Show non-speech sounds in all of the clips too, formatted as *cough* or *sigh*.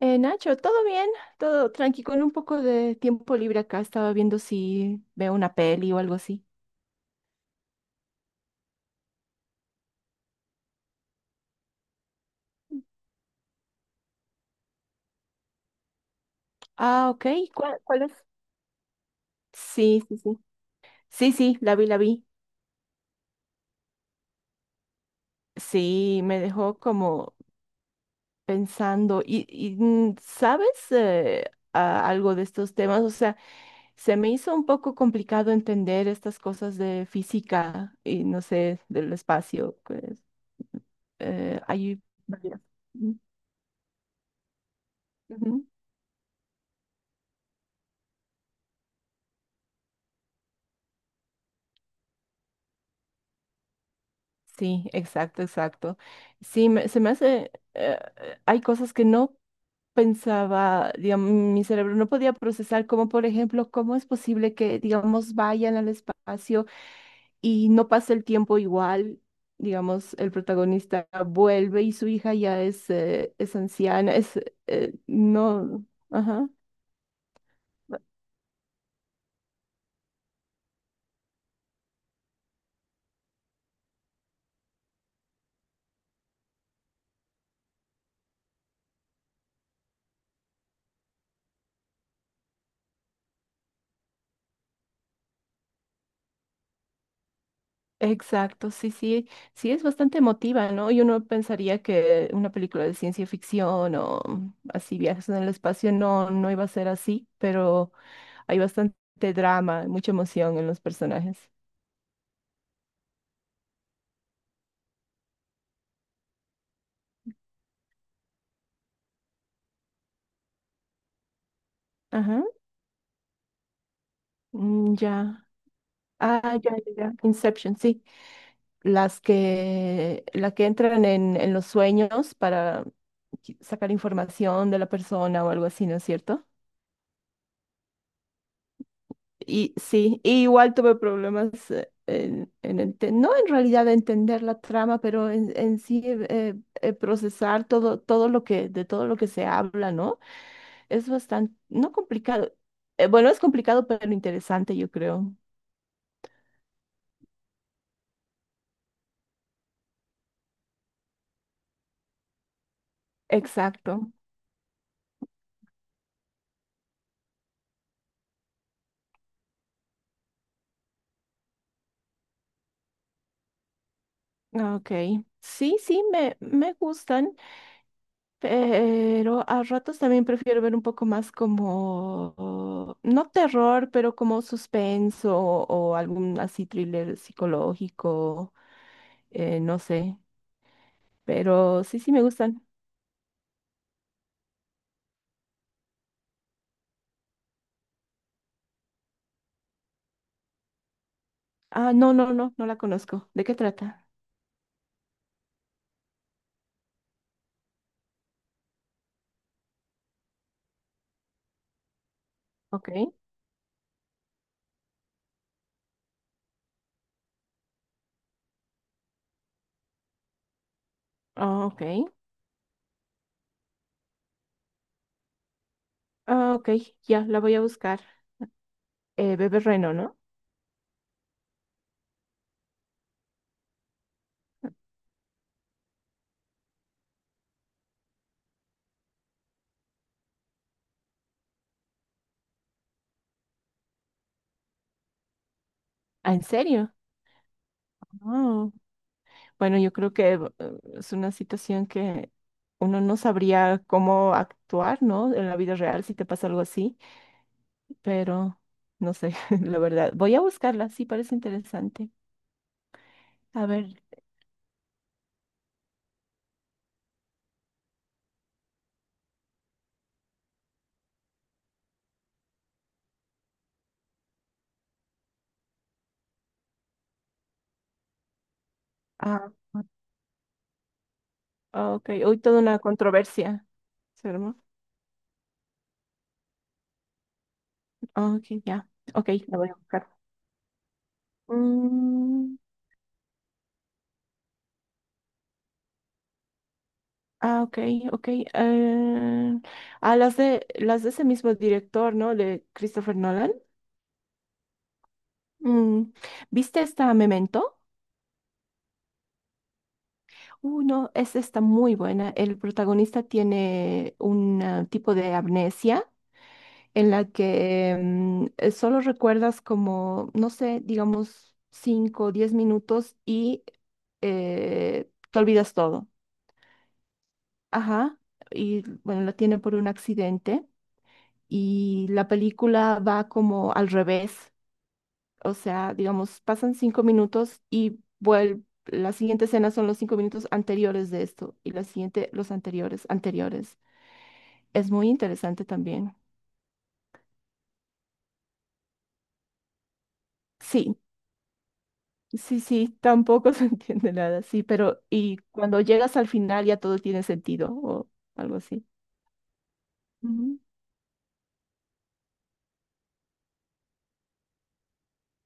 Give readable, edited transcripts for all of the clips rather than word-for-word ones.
Nacho, ¿todo bien? Todo tranqui, con un poco de tiempo libre acá. Estaba viendo si veo una peli o algo así. Ah, ok. ¿Cuál es? Sí, sí, sí. Sí, sí, la vi, la vi. Sí, me dejó como pensando. ¿Y sabes algo de estos temas? O sea, se me hizo un poco complicado entender estas cosas de física y no sé, del espacio. Pues, hay varias. Ujú. Sí, exacto, exacto. Sí, se me hace, hay cosas que no pensaba, digamos, mi cerebro no podía procesar, como por ejemplo, cómo es posible que, digamos, vayan al espacio y no pasa el tiempo igual, digamos, el protagonista vuelve y su hija ya es anciana, es, no, ajá. Exacto, sí, sí, sí es bastante emotiva, ¿no? Y uno pensaría que una película de ciencia ficción o así viajes en el espacio no, no iba a ser así, pero hay bastante drama, mucha emoción en los personajes. Ajá, mm, ya. Ah, ya, ya, ya. Inception, sí. La que entran en los sueños para sacar información de la persona o algo así, ¿no es cierto? Y sí, y igual tuve problemas en, no en realidad de entender la trama, pero en sí procesar todo, de todo lo que se habla, ¿no? Es bastante, no complicado. Bueno, es complicado, pero interesante, yo creo. Exacto. Ok. Sí, me gustan. Pero a ratos también prefiero ver un poco más como, no terror, pero como suspenso o algún así thriller psicológico, no sé. Pero sí, sí me gustan. Ah, no, no, no, no la conozco. ¿De qué trata? Ok. Ah, ok. Ah, ok, ya, la voy a buscar. Bebé Reno, ¿no? Ah, ¿en serio? Bueno, yo creo que es una situación que uno no sabría cómo actuar, ¿no? En la vida real si te pasa algo así, pero no sé, *laughs* la verdad. Voy a buscarla, sí, parece interesante. A ver. Ah, ok, hoy toda una controversia, ¿se armó? Ah, ok, ya. Ok, la voy a buscar. Mm, ah, ok, ok. eh, las de ese mismo director, ¿no? De Christopher Nolan. Mm, ¿viste esta Memento? No, esa está muy buena. El protagonista tiene un tipo de amnesia en la que solo recuerdas como, no sé, digamos 5 o 10 minutos y te olvidas todo. Ajá. Y bueno, la tiene por un accidente y la película va como al revés. O sea, digamos, pasan cinco minutos y vuelve, la siguiente escena son los cinco minutos anteriores de esto y la siguiente los anteriores, anteriores. Es muy interesante también. Sí, sí, sí, *laughs* tampoco se entiende nada, sí, pero y cuando llegas al final ya todo tiene sentido o algo así.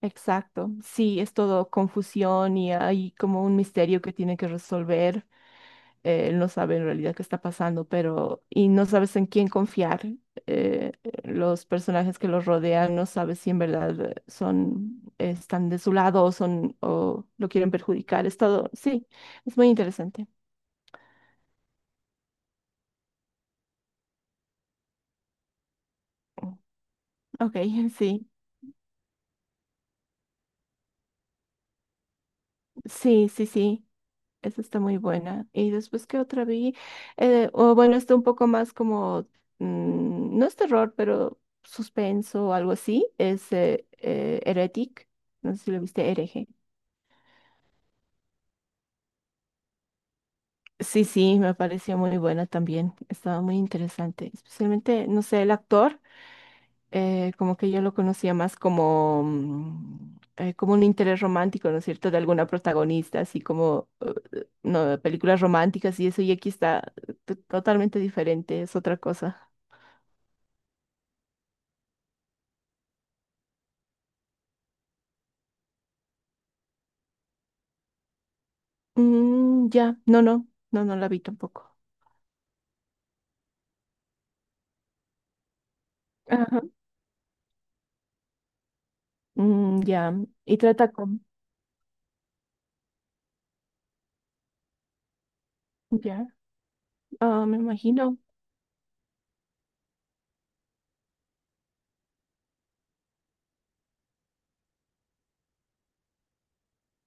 Exacto, sí, es todo confusión y hay como un misterio que tiene que resolver. Él no sabe en realidad qué está pasando, pero y no sabes en quién confiar. eh, los personajes que los rodean no sabes si en verdad son están de su lado o son o lo quieren perjudicar. Es todo, sí, es muy interesante. Ok, *laughs* sí, sí, sí, sí. Esa está muy buena. Y después, ¿qué otra vi? O bueno, está un poco más como, no es terror, pero suspenso o algo así. Es Heretic. No sé si lo viste, Hereje. Sí, sí, me pareció muy buena también. Estaba muy interesante. Especialmente, no sé, el actor, como que yo lo conocía más como, como un interés romántico, ¿no es cierto?, de alguna protagonista, así como, no, películas románticas y eso, y aquí está totalmente diferente, es otra cosa. Mm, ya, no, no, no, no la vi tampoco. Ajá. Mm, ya, y trata con, ya, ah, me imagino.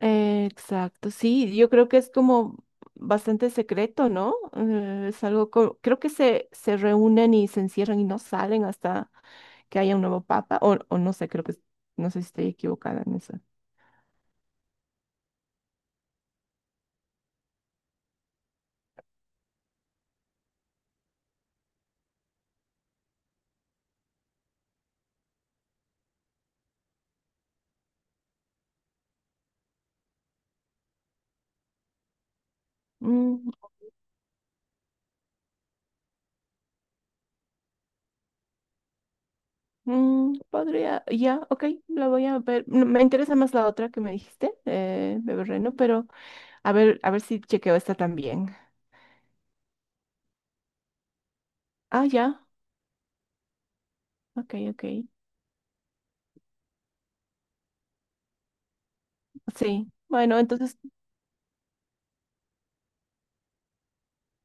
Exacto, sí, yo creo que es como bastante secreto, ¿no? Es algo, creo que se reúnen y se encierran y no salen hasta que haya un nuevo papa, o no sé, no sé si estoy equivocada en eso. Mm, mm, podría, ya, ok, la voy a ver. No, me interesa más la otra que me dijiste, Bebe Reno, pero a ver si chequeo esta también. Ah, ya, ok, ok, sí. Bueno, entonces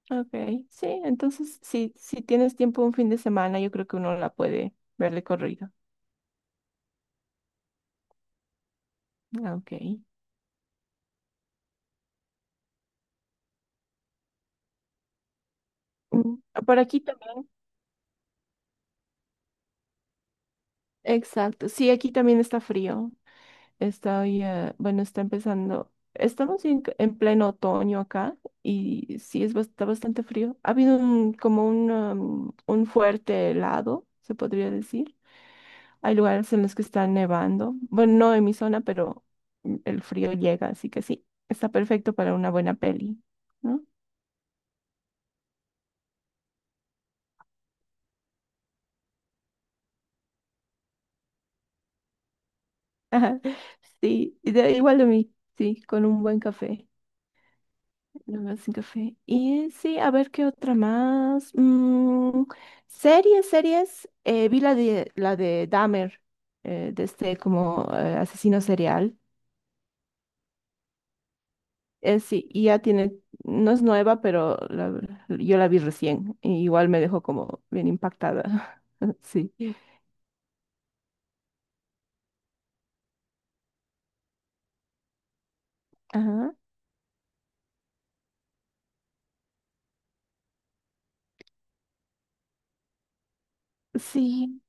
ok, sí, entonces si, si tienes tiempo un fin de semana, yo creo que uno la puede ver de corrido. Ah, ok. Mm, por aquí también. Exacto, sí, aquí también está frío. Está, hoy, bueno, está empezando. Estamos en pleno otoño acá y sí, está bastante frío. Ha habido un, como un, un fuerte helado, se podría decir. Hay lugares en los que está nevando. Bueno, no en mi zona, pero mm, el frío llega, así que sí, está perfecto para una buena peli, ¿no? Sí, igual de mí, sí, con un buen café, la verdad, sin café. Y sí, a ver qué otra más. Mm, series, series. Vi la de Dahmer, de este como asesino serial. Sí, y ya tiene, no es nueva, pero la yo la vi recién. Y igual me dejó como bien impactada. *laughs* Sí. Ajá. Sí.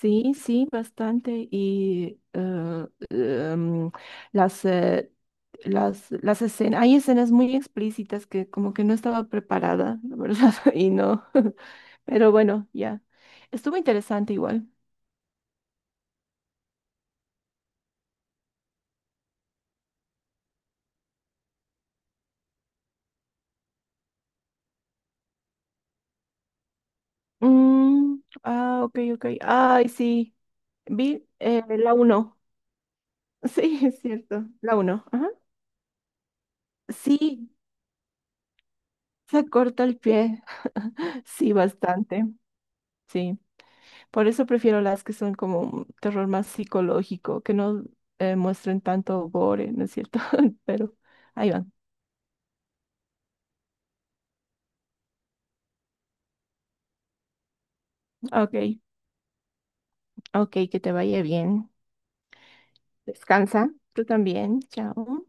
Sí, sí, bastante. Y las, eh, las escenas, hay escenas muy explícitas que como que no estaba preparada, la verdad, *laughs* y no. *laughs* Pero bueno, ya. Estuvo interesante igual. Mm, ah, ok, ok. Ay, sí. Vi la uno. *laughs* Sí, es cierto. La uno. Ajá. Sí, se corta el pie. *laughs* Sí, bastante. Sí. Por eso prefiero las que son como un terror más psicológico, que no muestren tanto gore, ¿no es cierto? *laughs* Pero ahí van. Ok, ok, que te vaya bien. Descansa. Tú también. Chao.